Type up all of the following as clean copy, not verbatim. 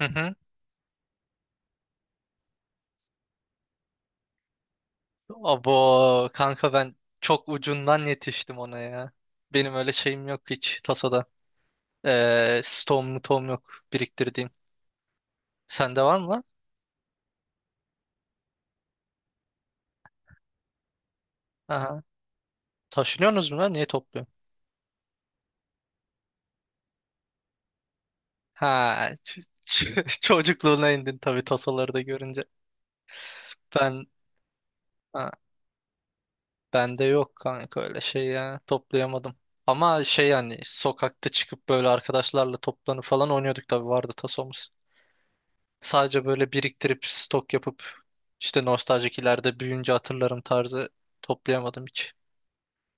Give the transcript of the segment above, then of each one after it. Hı hı. Abo kanka ben çok ucundan yetiştim ona ya. Benim öyle şeyim yok hiç tasada. Stoğum tom yok biriktirdiğim. Sende var mı lan? Aha. Taşınıyorsunuz mu lan? Niye topluyorsun? Ha, çocukluğuna indin tabii tasoları da görünce. Ben ha, bende yok kanka öyle şey ya. Toplayamadım. Ama şey yani sokakta çıkıp böyle arkadaşlarla toplanıp falan oynuyorduk tabii vardı tasomuz. Sadece böyle biriktirip stok yapıp işte nostaljik ileride büyüyünce hatırlarım tarzı toplayamadım hiç.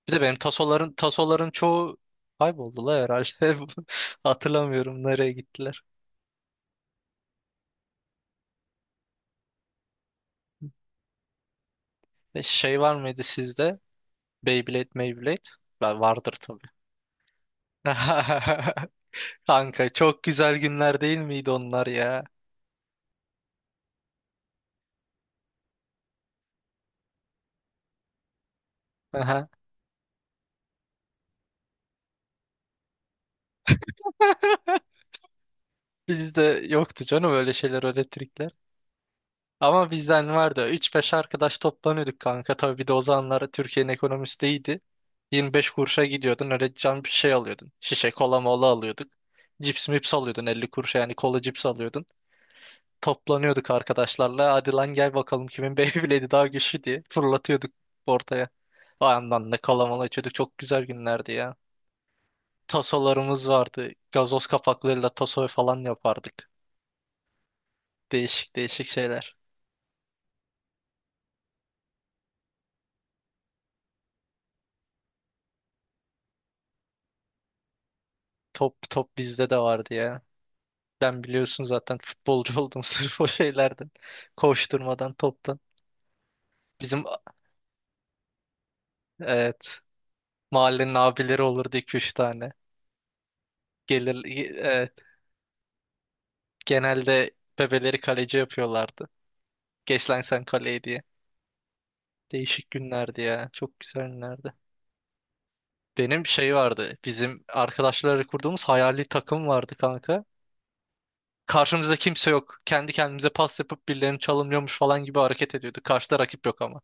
Bir de benim tasoların çoğu kayboldu la herhalde. Hatırlamıyorum nereye gittiler. Şey var mıydı sizde? Beyblade? Ben vardır tabii. Kanka çok güzel günler değil miydi onlar ya? Aha. Bizde yoktu canım öyle şeyler, öyle trikler. Ama bizden vardı. Üç beş arkadaş toplanıyorduk kanka. Tabii bir de o zamanlar Türkiye'nin ekonomisi de iyiydi. 25 kuruşa gidiyordun öyle can bir şey alıyordun. Şişe kola mola alıyorduk. Cips mips alıyordun 50 kuruşa yani kola cips alıyordun. Toplanıyorduk arkadaşlarla. Hadi lan gel bakalım kimin Beyblade'i daha güçlü diye fırlatıyorduk ortaya. O yandan da kola mola içiyorduk. Çok güzel günlerdi ya. Tasolarımız vardı. Gazoz kapaklarıyla taso falan yapardık. Değişik değişik şeyler. Top bizde de vardı ya. Ben biliyorsun zaten futbolcu oldum sırf o şeylerden. Koşturmadan, toptan. Bizim evet mahallenin abileri olurdu iki üç tane. Gelir evet, genelde bebeleri kaleci yapıyorlardı. Geç lan sen kaleye diye. Değişik günlerdi ya. Çok güzel günlerdi. Benim şey vardı. Bizim arkadaşlarla kurduğumuz hayali takım vardı kanka. Karşımızda kimse yok. Kendi kendimize pas yapıp birilerini çalımlıyormuş falan gibi hareket ediyordu. Karşıda rakip yok ama.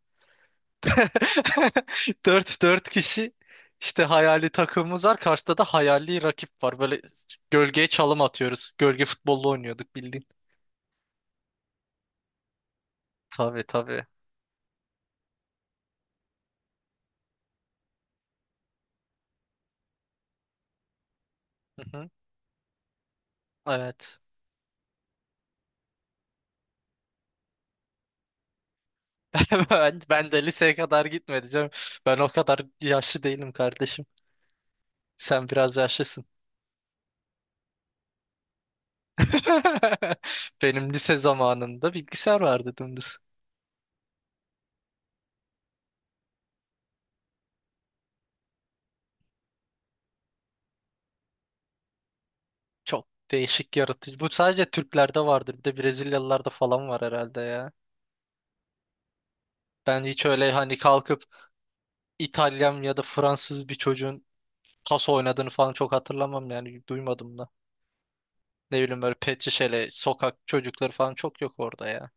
Dört kişi işte hayali takımımız var. Karşıda da hayali rakip var. Böyle gölgeye çalım atıyoruz. Gölge futbolu oynuyorduk bildiğin. Tabii tabii. Hı hı. Evet. Ben de liseye kadar gitmedi canım. Ben o kadar yaşlı değilim kardeşim. Sen biraz yaşlısın. Benim lise zamanımda bilgisayar vardı dümdüz. Çok değişik yaratıcı. Bu sadece Türklerde vardır. Bir de Brezilyalılarda falan var herhalde ya. Ben hiç öyle hani kalkıp İtalyan ya da Fransız bir çocuğun taso oynadığını falan çok hatırlamam yani duymadım da. Ne bileyim böyle pet şişeli sokak çocukları falan çok yok orada ya.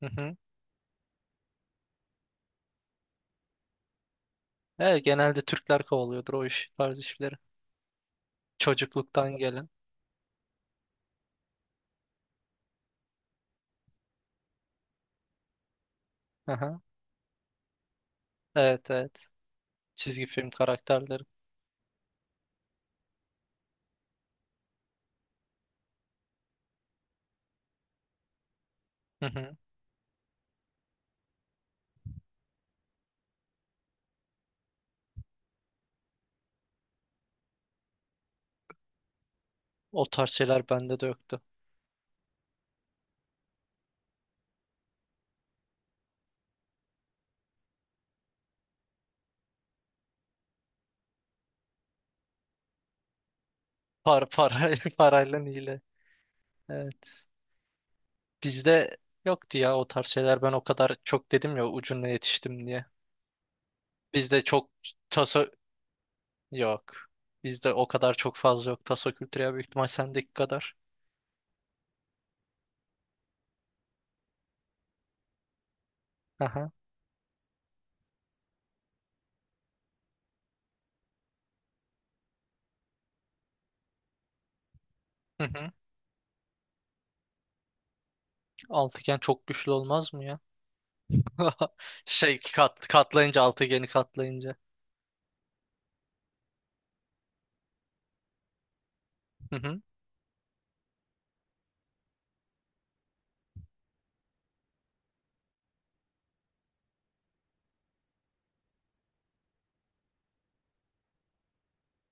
Hı hı. Evet, genelde Türkler kovalıyordur o iş tarz işleri. Çocukluktan gelen. Hı hı. Evet evet. Çizgi film karakterleri. Hı hı. O tarz şeyler bende de yoktu. Parayla hile. Evet. Bizde yoktu ya o tarz şeyler. Ben o kadar çok dedim ya ucuna yetiştim diye. Bizde çok taso yok. Bizde o kadar çok fazla yok. Taso kültürü ya büyük ihtimal sendeki kadar. Aha. Hı hı. Altıgen çok güçlü olmaz mı ya? Katlayınca altıgeni katlayınca. Hı hı.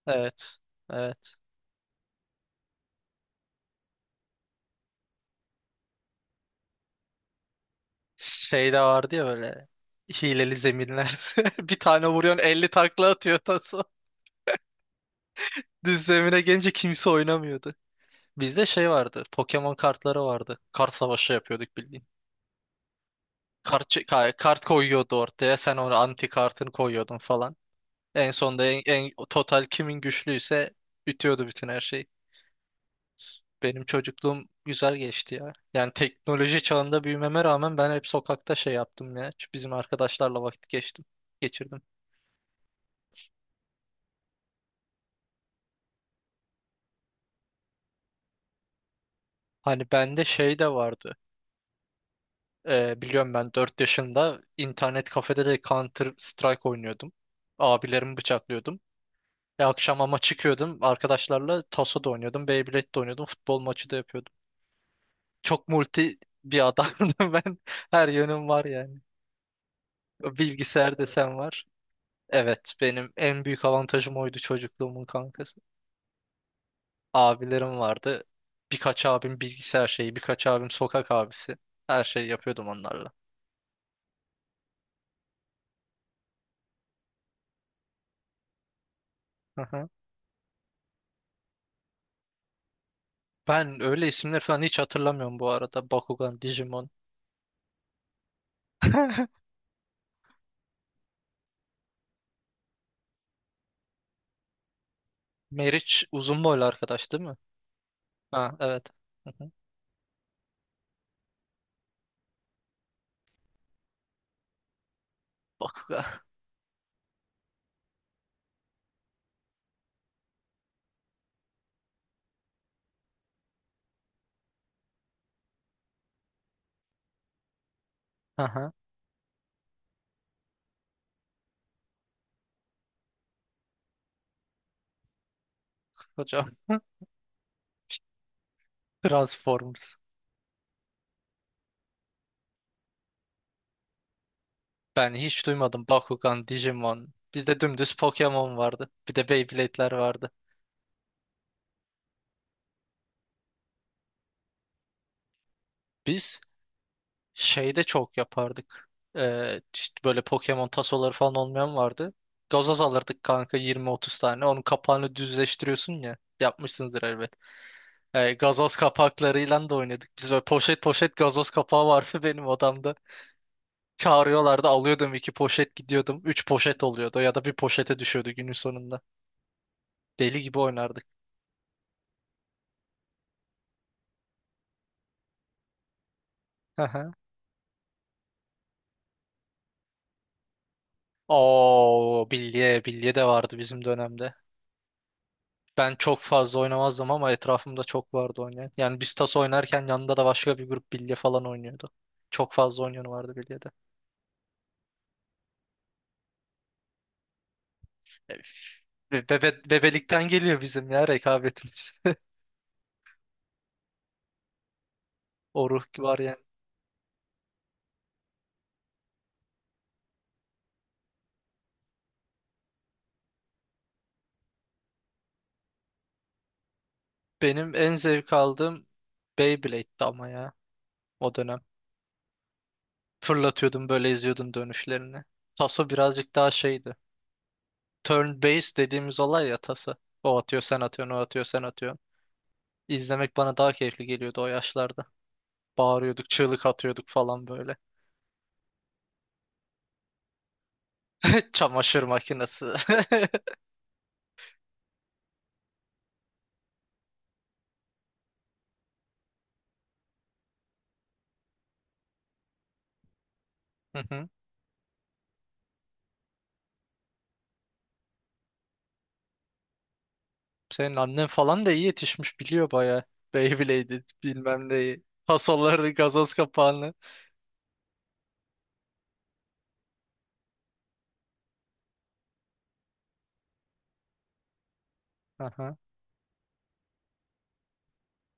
Evet. Evet. Şey de vardı ya böyle hileli zeminler. Bir tane vuruyorsun 50 takla atıyor taso. Düz zemine gelince kimse oynamıyordu. Bizde şey vardı. Pokemon kartları vardı. Kart savaşı yapıyorduk bildiğin. Kart koyuyordu ortaya. Sen onu anti kartını koyuyordun falan. En sonunda en total kimin güçlüyse bitiyordu bütün her şey. Benim çocukluğum güzel geçti ya. Yani teknoloji çağında büyümeme rağmen ben hep sokakta şey yaptım ya. Şu bizim arkadaşlarla geçirdim. Hani bende şey de vardı. Biliyorum ben 4 yaşında internet kafede de Counter Strike oynuyordum. Abilerimi bıçaklıyordum. E, akşam ama çıkıyordum arkadaşlarla taso da oynuyordum, Beyblade de oynuyordum, futbol maçı da yapıyordum. Çok multi bir adamdım ben. Her yönüm var yani. Bilgisayar desen var. Evet, benim en büyük avantajım oydu çocukluğumun kankası. Abilerim vardı. Birkaç abim bilgisayar şeyi, birkaç abim sokak abisi. Her şeyi yapıyordum onlarla. Aha. Ben öyle isimler falan hiç hatırlamıyorum bu arada. Bakugan, Digimon. Meriç uzun boylu arkadaş değil mi? Ha, evet. Aha. Bakugan. Aha. Hocam. Transformers. Ben hiç duymadım Bakugan, Digimon. Bizde dümdüz Pokemon vardı. Bir de Beyblade'ler vardı. Biz şey de çok yapardık. İşte böyle Pokemon tasoları falan olmayan vardı. Gazoz alırdık kanka 20-30 tane. Onun kapağını düzleştiriyorsun ya. Yapmışsınızdır elbet. Gazoz kapaklarıyla da oynadık. Biz böyle poşet poşet gazoz kapağı vardı benim odamda. Çağırıyorlardı alıyordum iki poşet gidiyordum. Üç poşet oluyordu ya da bir poşete düşüyordu günün sonunda. Deli gibi oynardık. Aha. Oo, bilye de vardı bizim dönemde. Ben çok fazla oynamazdım ama etrafımda çok vardı oynayan. Yani biz tas oynarken yanında da başka bir grup bilye falan oynuyordu. Çok fazla oynayan vardı bilyede. E, bebelikten geliyor bizim ya rekabetimiz. O ruh var yani. Benim en zevk aldığım Beyblade'di ama ya o dönem. Fırlatıyordum böyle izliyordum dönüşlerini. Taso birazcık daha şeydi. Turn based dediğimiz olay ya tası. O atıyor sen atıyorsun o atıyor sen atıyorsun. İzlemek bana daha keyifli geliyordu o yaşlarda. Bağırıyorduk, çığlık atıyorduk falan böyle. Çamaşır makinesi. Hı hı. Senin annen falan da iyi yetişmiş biliyor baya. Beyblade'i bilmem neyi. Fasolları, gazoz kapağını. Aha.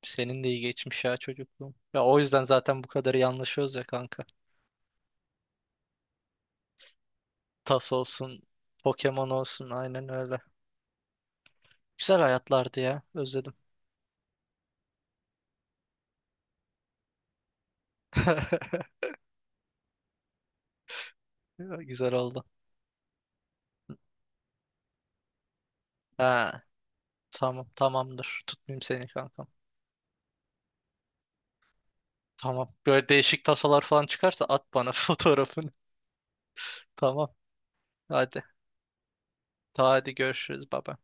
Senin de iyi geçmiş ya çocukluğum. Ya o yüzden zaten bu kadar iyi anlaşıyoruz ya kanka. Tas olsun, Pokemon olsun aynen öyle. Güzel hayatlardı ya. Özledim. Ya, güzel oldu. Ha, tamam tamamdır. Tutmayayım seni kankam. Tamam. Böyle değişik tasolar falan çıkarsa at bana fotoğrafını. Tamam. Hadi. Ta hadi görüşürüz baba.